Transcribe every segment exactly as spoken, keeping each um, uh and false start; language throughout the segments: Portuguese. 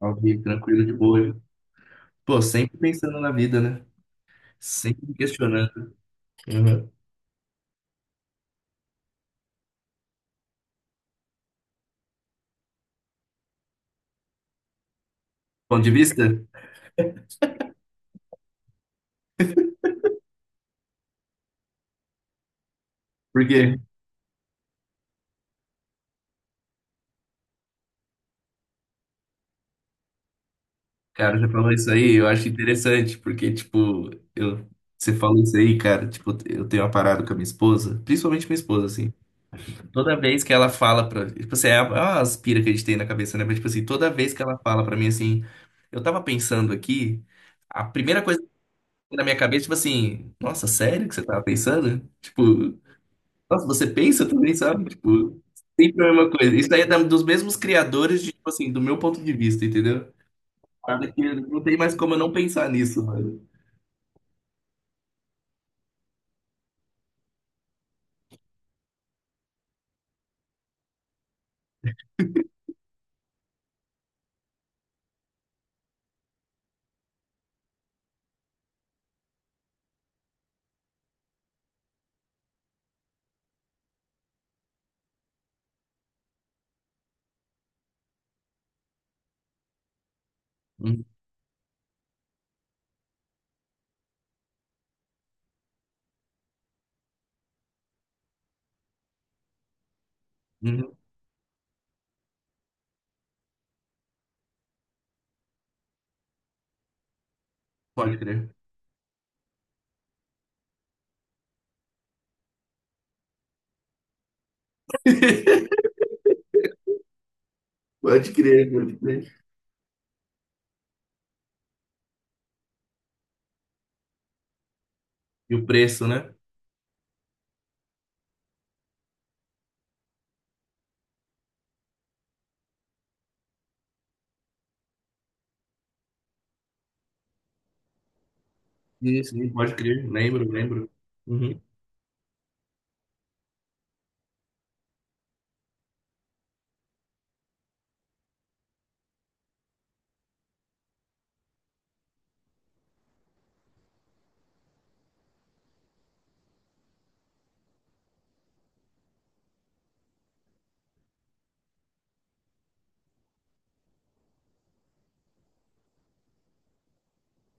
Ao vivo, tranquilo, de boa. Pô, sempre pensando na vida, né? Sempre me questionando. Uhum. Ponto de vista? Por quê? Cara, já falou isso aí, eu acho interessante, porque, tipo, eu, você falou isso aí, cara, tipo, eu tenho uma parada com a minha esposa, principalmente minha esposa, assim. Toda vez que ela fala pra. Tipo assim, é uma é uma aspira que a gente tem na cabeça, né? Mas, tipo assim, toda vez que ela fala pra mim assim, eu tava pensando aqui, a primeira coisa que vem na minha cabeça, tipo assim, nossa, sério que você tava pensando? Tipo, nossa, você pensa também, sabe? Tipo, sempre a mesma coisa. Isso aí é da- dos mesmos criadores, de, tipo assim, do meu ponto de vista, entendeu? Parada que não tem mais como eu não pensar nisso, mano. Hum, hum, pode crer. Pode crer, pode crer. E o preço, né? Isso, sim, pode crer. Lembro, lembro. Uhum.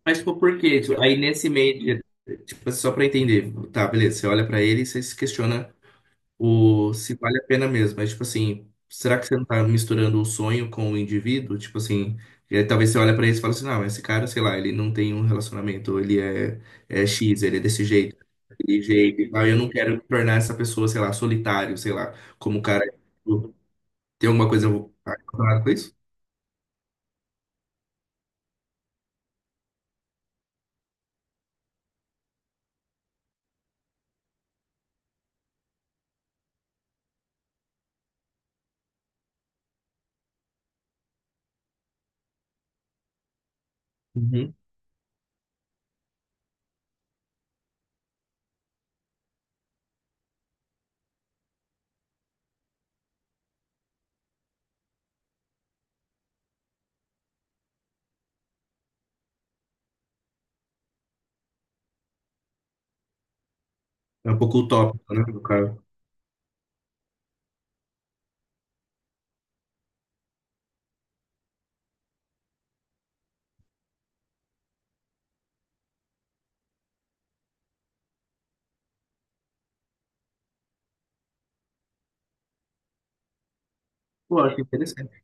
Mas, tipo, por quê? Tipo, aí nesse meio, de- tipo, só pra entender. Tá, beleza, você olha pra ele e você se questiona. O, se vale a pena mesmo. Mas, tipo assim, será que você não tá misturando o sonho com o indivíduo? Tipo assim, e aí talvez você olha pra ele e fala assim, não, esse cara, sei lá, ele não tem um relacionamento, ele é, é X, ele é desse jeito, daquele jeito e tal. E eu não quero me tornar essa pessoa, sei lá, solitário, sei lá, como o cara. Tipo, tem alguma coisa relacionada com isso? Uhum. É um pouco utópico, né, do cara. Pô, eu acho interessante.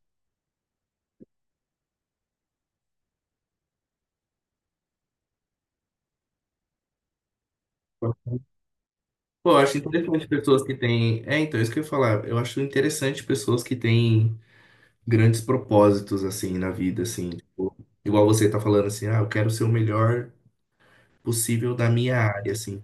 Pô, eu acho interessante pessoas que têm. É, então, isso que eu ia falar. Eu acho interessante pessoas que têm grandes propósitos, assim, na vida, assim. Tipo, igual você tá falando, assim, ah, eu quero ser o melhor possível da minha área, assim.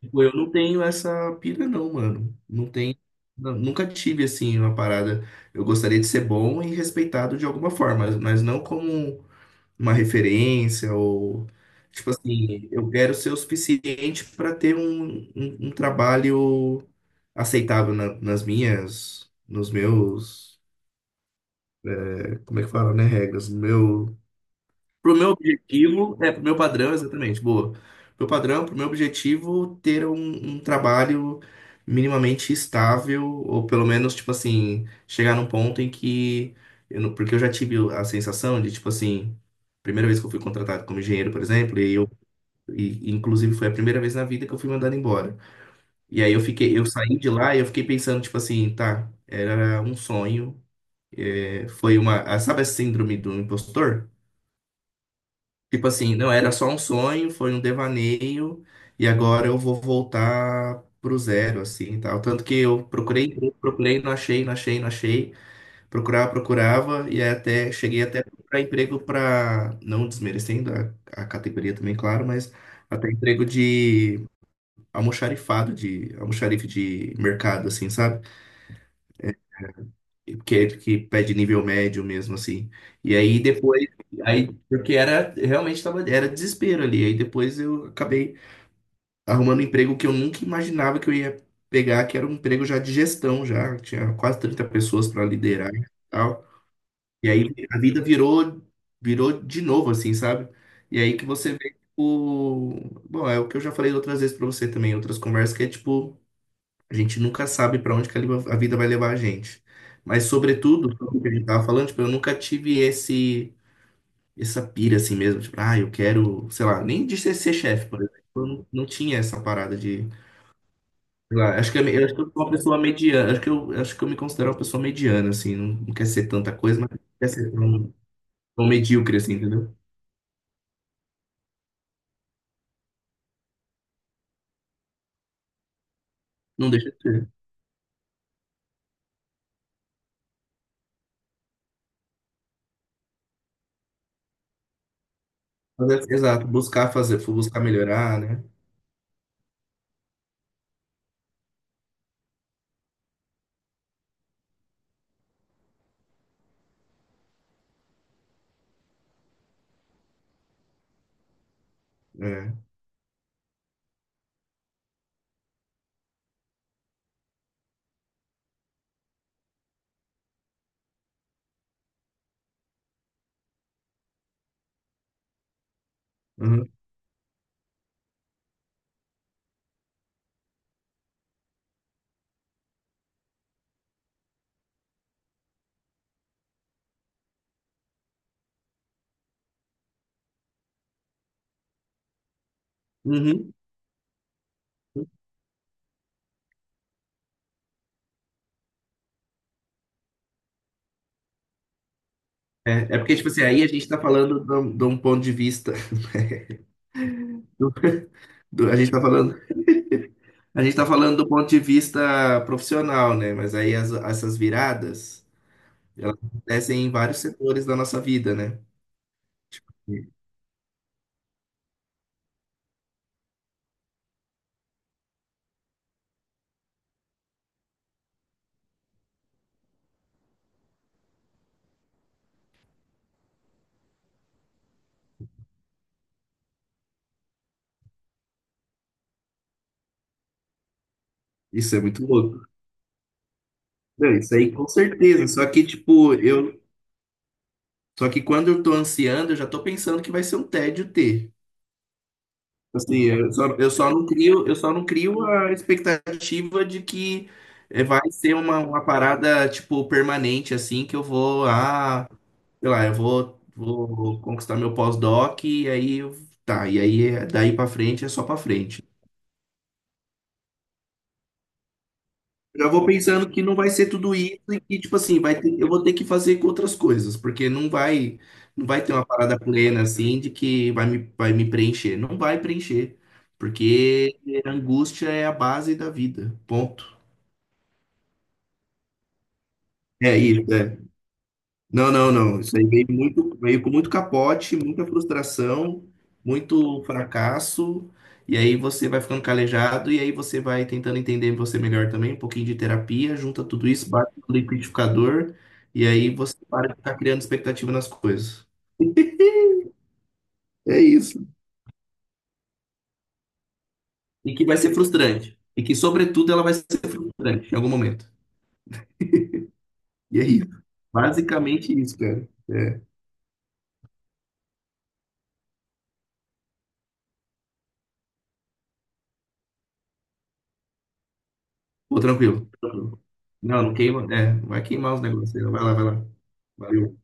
Tipo, eu não tenho essa pira, não, mano. Não tenho. nu- Nunca tive, assim, uma parada. Eu gostaria de ser bom e respeitado de alguma forma, mas mas não como uma referência ou. Tipo assim, eu quero ser o suficiente para ter um, um, um trabalho aceitável na- nas minhas, nos meus, como é que fala, né? Regras, no meu, pro meu objetivo, é, pro meu padrão, exatamente, boa. Pro padrão, pro meu objetivo, ter um, um trabalho minimamente estável, ou pelo menos, tipo assim, chegar num ponto em que. Eu não, porque eu já tive a sensação de, tipo assim, primeira vez que eu fui contratado como engenheiro, por exemplo, e eu. E, inclusive, foi a primeira vez na vida que eu fui mandado embora. E aí eu fiquei, eu saí de lá e eu fiquei pensando, tipo assim, tá, era um sonho. É, foi uma. Ah, sabe a síndrome do impostor? Tipo assim, não era só um sonho, foi um devaneio, e agora eu vou voltar pro zero, assim, tal. Tanto que eu procurei, procurei, não achei, não achei, não achei. Procurava, procurava, e aí até cheguei até para emprego para, não desmerecendo a, a categoria também, claro, mas até emprego de almoxarifado, de almoxarife de mercado, assim, sabe? Que, é- que pede nível médio mesmo, assim. E aí depois, aí, porque era, realmente tava, era desespero ali. Aí depois eu acabei arrumando um emprego que eu nunca imaginava que eu ia pegar, que era um emprego já de gestão, já. Tinha quase trinta pessoas para liderar e tal. E aí a vida virou, virou de novo, assim, sabe? E aí que você vê, tipo, bom, é o que eu já falei outras vezes para você também, outras conversas, que é tipo, a gente nunca sabe para onde que a li- a vida vai levar a gente. Mas, sobretudo, sobre o que a gente tava falando, tipo, eu nunca tive esse, essa pira assim mesmo. Tipo, ah, eu quero, sei lá, nem de ser, ser chefe, por exemplo. Eu não, não tinha essa parada de. Sei lá, acho que eu, me- eu acho que eu sou uma pessoa mediana. Acho que eu, acho que eu me considero uma pessoa mediana, assim. Não, não quer ser tanta coisa, mas não quer ser tão, tão medíocre, assim, entendeu? Não deixa de ser. Mas, é- exato, buscar fazer, buscar melhorar, né? É. Uhum. Uhum. É, é porque, tipo assim, aí a gente tá falando de um de um ponto de vista. do- do- a gente tá falando, a gente tá falando do ponto de vista profissional, né? Mas aí as- essas viradas, elas acontecem em vários setores da nossa vida, né? Tipo, isso é muito louco. Não, isso aí com certeza. Só que, tipo, eu. Só que quando eu tô ansiando, eu já tô pensando que vai ser um tédio ter. Assim, eu só, eu só não crio, eu só não crio a expectativa de que eh, vai ser uma, uma parada, tipo, permanente, assim, que eu vou, ah, sei lá, eu vou, vou conquistar meu pós-doc e aí, eu- tá, e aí, eh, daí pra frente é só pra frente. Já vou pensando que não vai ser tudo isso e que, tipo assim, vai ter, eu vou ter que fazer com outras coisas, porque não vai, não vai ter uma parada plena assim de que vai me, vai me preencher. Não vai preencher, porque a angústia é a base da vida. Ponto. É isso, é. Não, não, não. Isso aí veio muito, veio com muito capote, muita frustração, muito fracasso. E aí você vai ficando calejado e aí você vai tentando entender você melhor também, um pouquinho de terapia, junta tudo isso, bate no liquidificador e aí você para de ficar criando expectativa nas coisas. É isso. E que vai ser frustrante. E que, sobretudo, ela vai ser frustrante em algum momento. E é isso. Basicamente isso, cara. É. Pô, tranquilo, tranquilo. Não, não queima. É, não vai queimar os negócios aí, não. Vai lá, vai lá. Valeu.